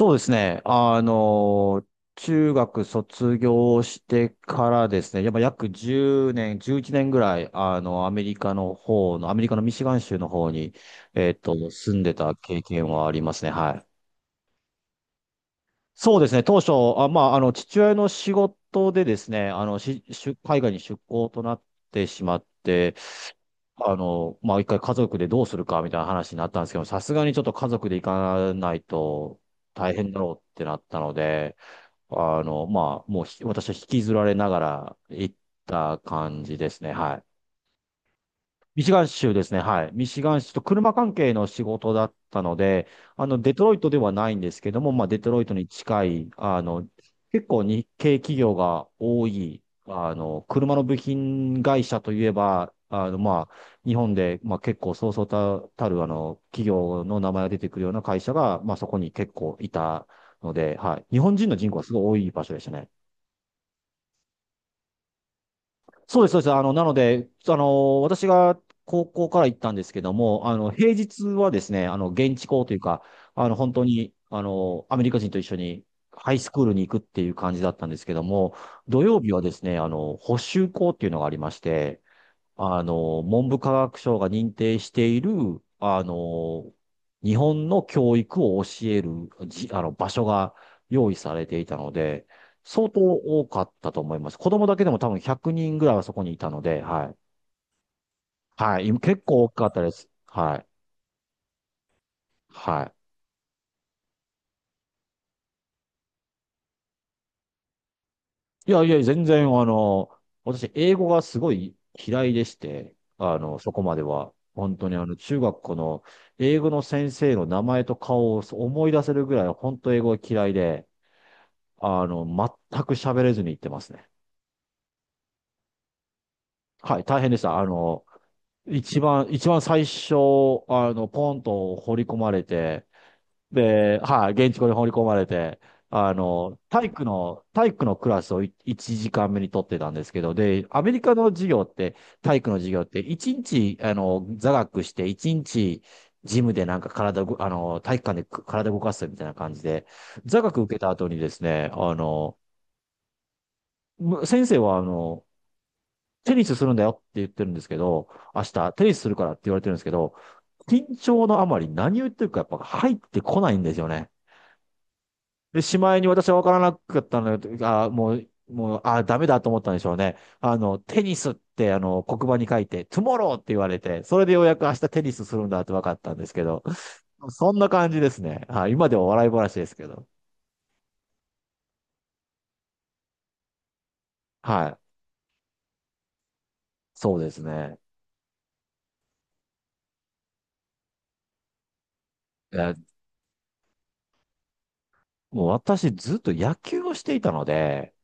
そうですね。中学卒業してからですね、やっぱ約10年、11年ぐらい、アメリカの方の、アメリカのミシガン州の方に、住んでた経験はありますね。はい。そうですね。当初、まあ、父親の仕事でですね、出海外に出向となってしまって、まあ、一回家族でどうするかみたいな話になったんですけど、さすがにちょっと家族で行かないと大変だろうってなったので、まあ、もうひ私は引きずられながら行った感じですね。はい。ミシガン州ですね。はい。ミシガン州と車関係の仕事だったので、デトロイトではないんですけども、まあ、デトロイトに近い、結構日系企業が多い、車の部品会社といえば、まあ、日本で、まあ、結構そうそうたる、企業の名前が出てくるような会社が、まあ、そこに結構いたので、はい。日本人の人口はすごい多い場所でしたね。そうです、そうです。なので、私が高校から行ったんですけども、平日はですね、現地校というか、本当に、アメリカ人と一緒にハイスクールに行くっていう感じだったんですけども、土曜日はですね、補習校っていうのがありまして、文部科学省が認定している、あの、日本の教育を教える、じ、あの、場所が用意されていたので、相当多かったと思います。子供だけでも多分100人ぐらいはそこにいたので、はい。はい。今結構多かったです。はい。はい。いやいや、全然、私、英語がすごい嫌いでして、あの、そこまでは。本当に、中学校の英語の先生の名前と顔を思い出せるぐらい、本当英語が嫌いで、全く喋れずに行ってますね。はい、大変でした。一番最初、ポンと放り込まれて、で、はい、現地校に放り込まれて、体育のクラスを1時間目に取ってたんですけど、で、アメリカの授業って、体育の授業って、1日、座学して、1日、ジムでなんか体を、あの、体育館で体を動かすみたいな感じで、座学受けた後にですね、先生は、あの、テニスするんだよって言ってるんですけど、明日、テニスするからって言われてるんですけど、緊張のあまり何を言ってるかやっぱ入ってこないんですよね。で、しまいに私は分からなかったので、あ、もう、もう、あ、ダメだと思ったんでしょうね。テニスって、黒板に書いて、トゥモローって言われて、それでようやく明日テニスするんだって分かったんですけど、そんな感じですね。はい。今では笑い話ですけど。はい。そうですね。いやもう私ずっと野球をしていたので、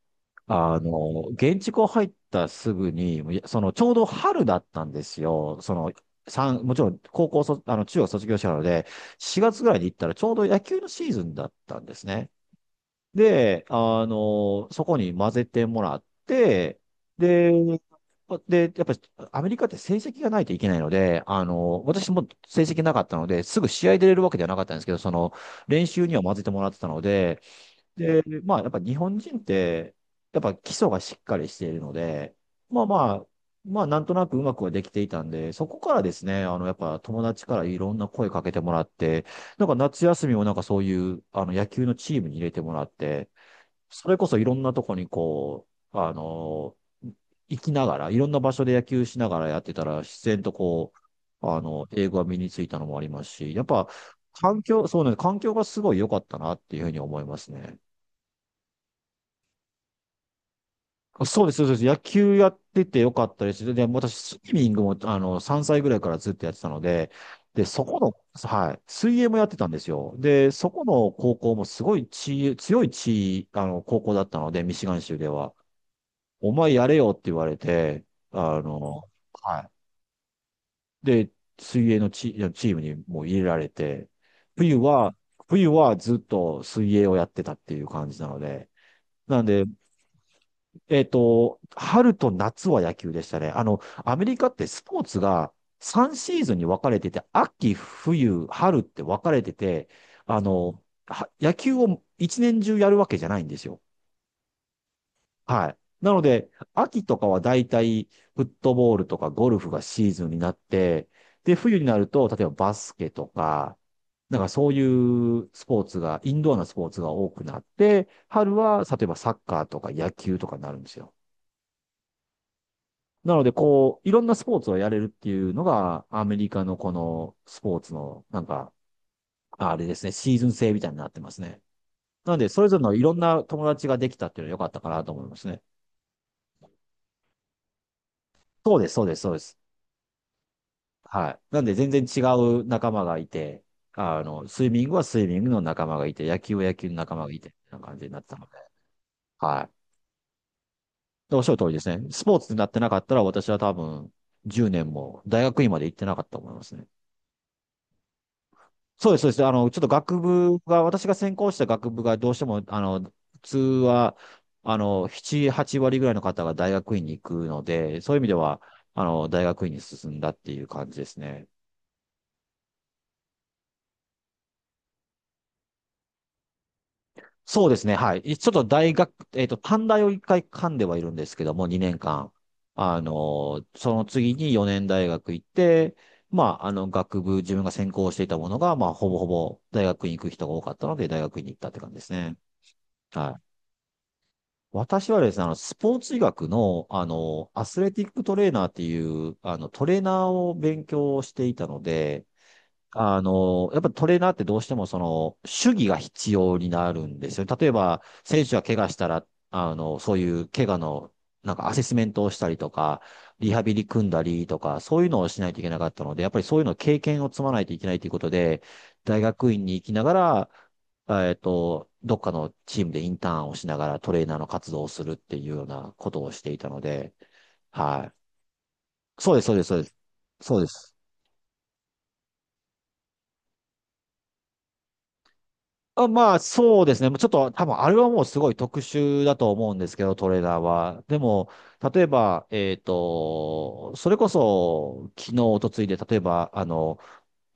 現地校入ったすぐに、いやその、ちょうど春だったんですよ。もちろん高校卒、あの、中学卒業したので、4月ぐらいに行ったらちょうど野球のシーズンだったんですね。で、そこに混ぜてもらって、で、で、やっぱりアメリカって成績がないといけないので、私も成績なかったので、すぐ試合出れるわけではなかったんですけど、その、練習には混ぜてもらってたので、で、まあ、やっぱ日本人って、やっぱ基礎がしっかりしているので、まあまあ、まあ、なんとなくうまくはできていたんで、そこからですね、やっぱ友達からいろんな声かけてもらって、なんか夏休みもなんかそういう、野球のチームに入れてもらって、それこそいろんなとこにこう、あの、行きながら、いろんな場所で野球しながらやってたら、自然と英語が身についたのもありますし、やっぱ、環境、そうね、環境がすごい良かったなっていうふうに思いますね。そうです、そうです。野球やっててよかったです。で、私、スイミングも、3歳ぐらいからずっとやってたので、で、そこの、はい、水泳もやってたんですよ。で、そこの高校もすごい地、強い地、あの、高校だったので、ミシガン州では。お前やれよって言われて、あの、はい。で、水泳のチームにもう入れられて、冬は、冬はずっと水泳をやってたっていう感じなので、なんで、えっと、春と夏は野球でしたね。アメリカってスポーツが3シーズンに分かれてて、秋、冬、春って分かれてて、野球を一年中やるわけじゃないんですよ。はい。なので、秋とかはだいたいフットボールとかゴルフがシーズンになって、で、冬になると、例えばバスケとか、なんかそういうスポーツが、インドアなスポーツが多くなって、春は、例えばサッカーとか野球とかになるんですよ。なので、こう、いろんなスポーツをやれるっていうのが、アメリカのこのスポーツの、なんか、あれですね、シーズン制みたいになってますね。なので、それぞれのいろんな友達ができたっていうのは良かったかなと思いますね。そうです、そうです、そうです。はい。なんで、全然違う仲間がいて、スイミングはスイミングの仲間がいて、野球は野球の仲間がいて、みたいな感じになってたので。はい。でおっしゃる通りですね。スポーツになってなかったら、私は多分、10年も大学院まで行ってなかったと思いますね。そうです、そうです。ちょっと学部が、私が専攻した学部がどうしても、普通は、7、8割ぐらいの方が大学院に行くので、そういう意味では、大学院に進んだっていう感じですね。そうですね、はい。ちょっと大学、えっと、短大を一回噛んではいるんですけども、2年間。その次に4年大学行って、まあ、自分が専攻していたものが、まあ、ほぼほぼ大学院行く人が多かったので、大学院に行ったって感じですね。はい。私はですね、スポーツ医学の、アスレティックトレーナーっていう、トレーナーを勉強していたので、やっぱトレーナーってどうしてもその、主義が必要になるんですよ。例えば、選手が怪我したら、そういう怪我の、なんかアセスメントをしたりとか、リハビリ組んだりとか、そういうのをしないといけなかったので、やっぱりそういうの経験を積まないといけないということで、大学院に行きながら、どっかのチームでインターンをしながらトレーナーの活動をするっていうようなことをしていたので、はい。そうです、そうです、そうです。そうです。あ、まあ、そうですね。もうちょっと、多分、あれはもうすごい特殊だと思うんですけど、トレーダーは。でも、例えば、それこそ、昨日、一昨日で、例えば、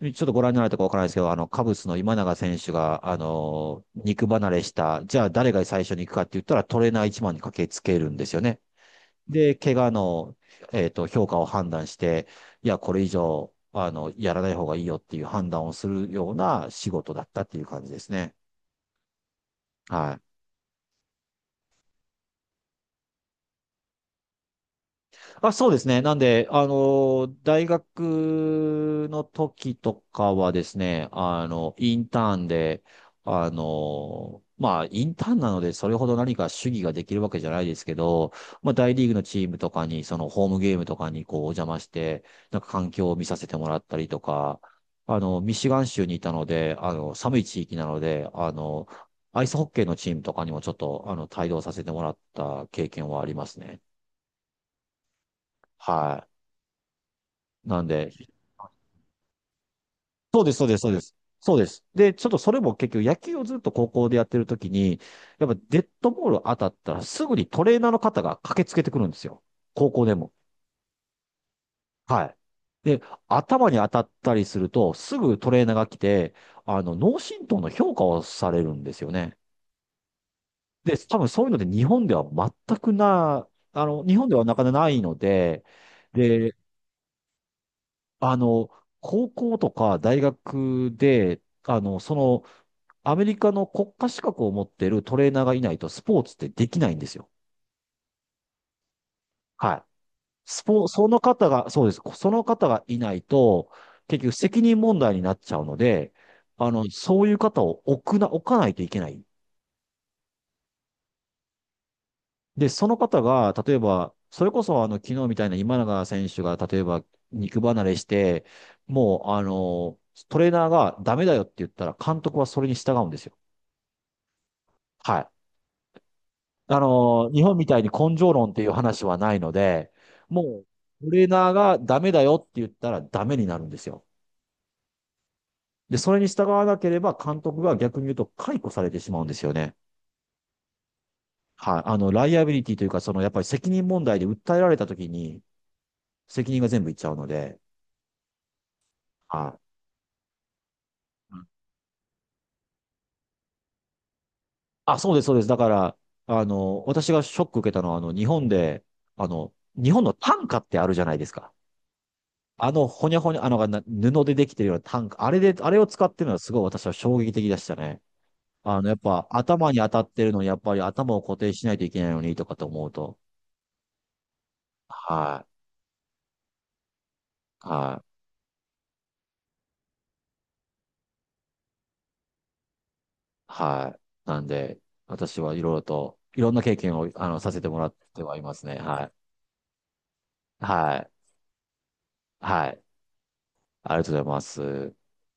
ちょっとご覧になられたかわからないですけど、あの、カブスの今永選手が、肉離れした、じゃあ誰が最初に行くかって言ったら、トレーナー一番に駆けつけるんですよね。で、怪我の、評価を判断して、いや、これ以上、やらない方がいいよっていう判断をするような仕事だったっていう感じですね。はい。あ、そうですね。なんで、あの、大学の時とかはですね、インターンで、まあ、インターンなので、それほど何か主義ができるわけじゃないですけど、まあ、大リーグのチームとかに、そのホームゲームとかにこう、お邪魔して、なんか環境を見させてもらったりとか、あの、ミシガン州にいたので、あの、寒い地域なので、アイスホッケーのチームとかにもちょっと、帯同させてもらった経験はありますね。はい。なんで、そうです、そうです、そうです。そうです。で、ちょっとそれも結局野球をずっと高校でやってる時に、やっぱデッドボール当たったらすぐにトレーナーの方が駆けつけてくるんですよ。高校でも。はい。で、頭に当たったりすると、すぐトレーナーが来て、あの、脳震盪の評価をされるんですよね。で、多分そういうので日本では全くな、あの、日本ではなかなかないので、で、あの、高校とか大学で、あの、その、アメリカの国家資格を持っているトレーナーがいないとスポーツってできないんですよ。はい。その方が、そうです。その方がいないと、結局責任問題になっちゃうので、あの、そういう方を置かないといけない。で、その方が、例えば、それこそあの、昨日みたいな今永選手が、例えば、肉離れして、もう、トレーナーがダメだよって言ったら、監督はそれに従うんですよ。はい。あの、日本みたいに根性論っていう話はないので、もう、トレーナーがダメだよって言ったらダメになるんですよ。で、それに従わなければ監督が逆に言うと解雇されてしまうんですよね。はい。あの、ライアビリティというか、その、やっぱり責任問題で訴えられた時に、責任が全部いっちゃうので、はい。うん、あ、そうです、そうです。だから、あの、私がショック受けたのは、あの、日本で、あの、日本の単価ってあるじゃないですか。あの、ほにゃほにゃ、あの、な布でできてるようなタンク、あれで、あれを使ってるのはすごい私は衝撃的でしたね。あの、やっぱ頭に当たってるのに、やっぱり頭を固定しないといけないのにとかと思うと、はい、はい、はい。なんで、私はいろいろと、いろんな経験を、させてもらってはいますね。はい、はい、はい。ありがとうございます。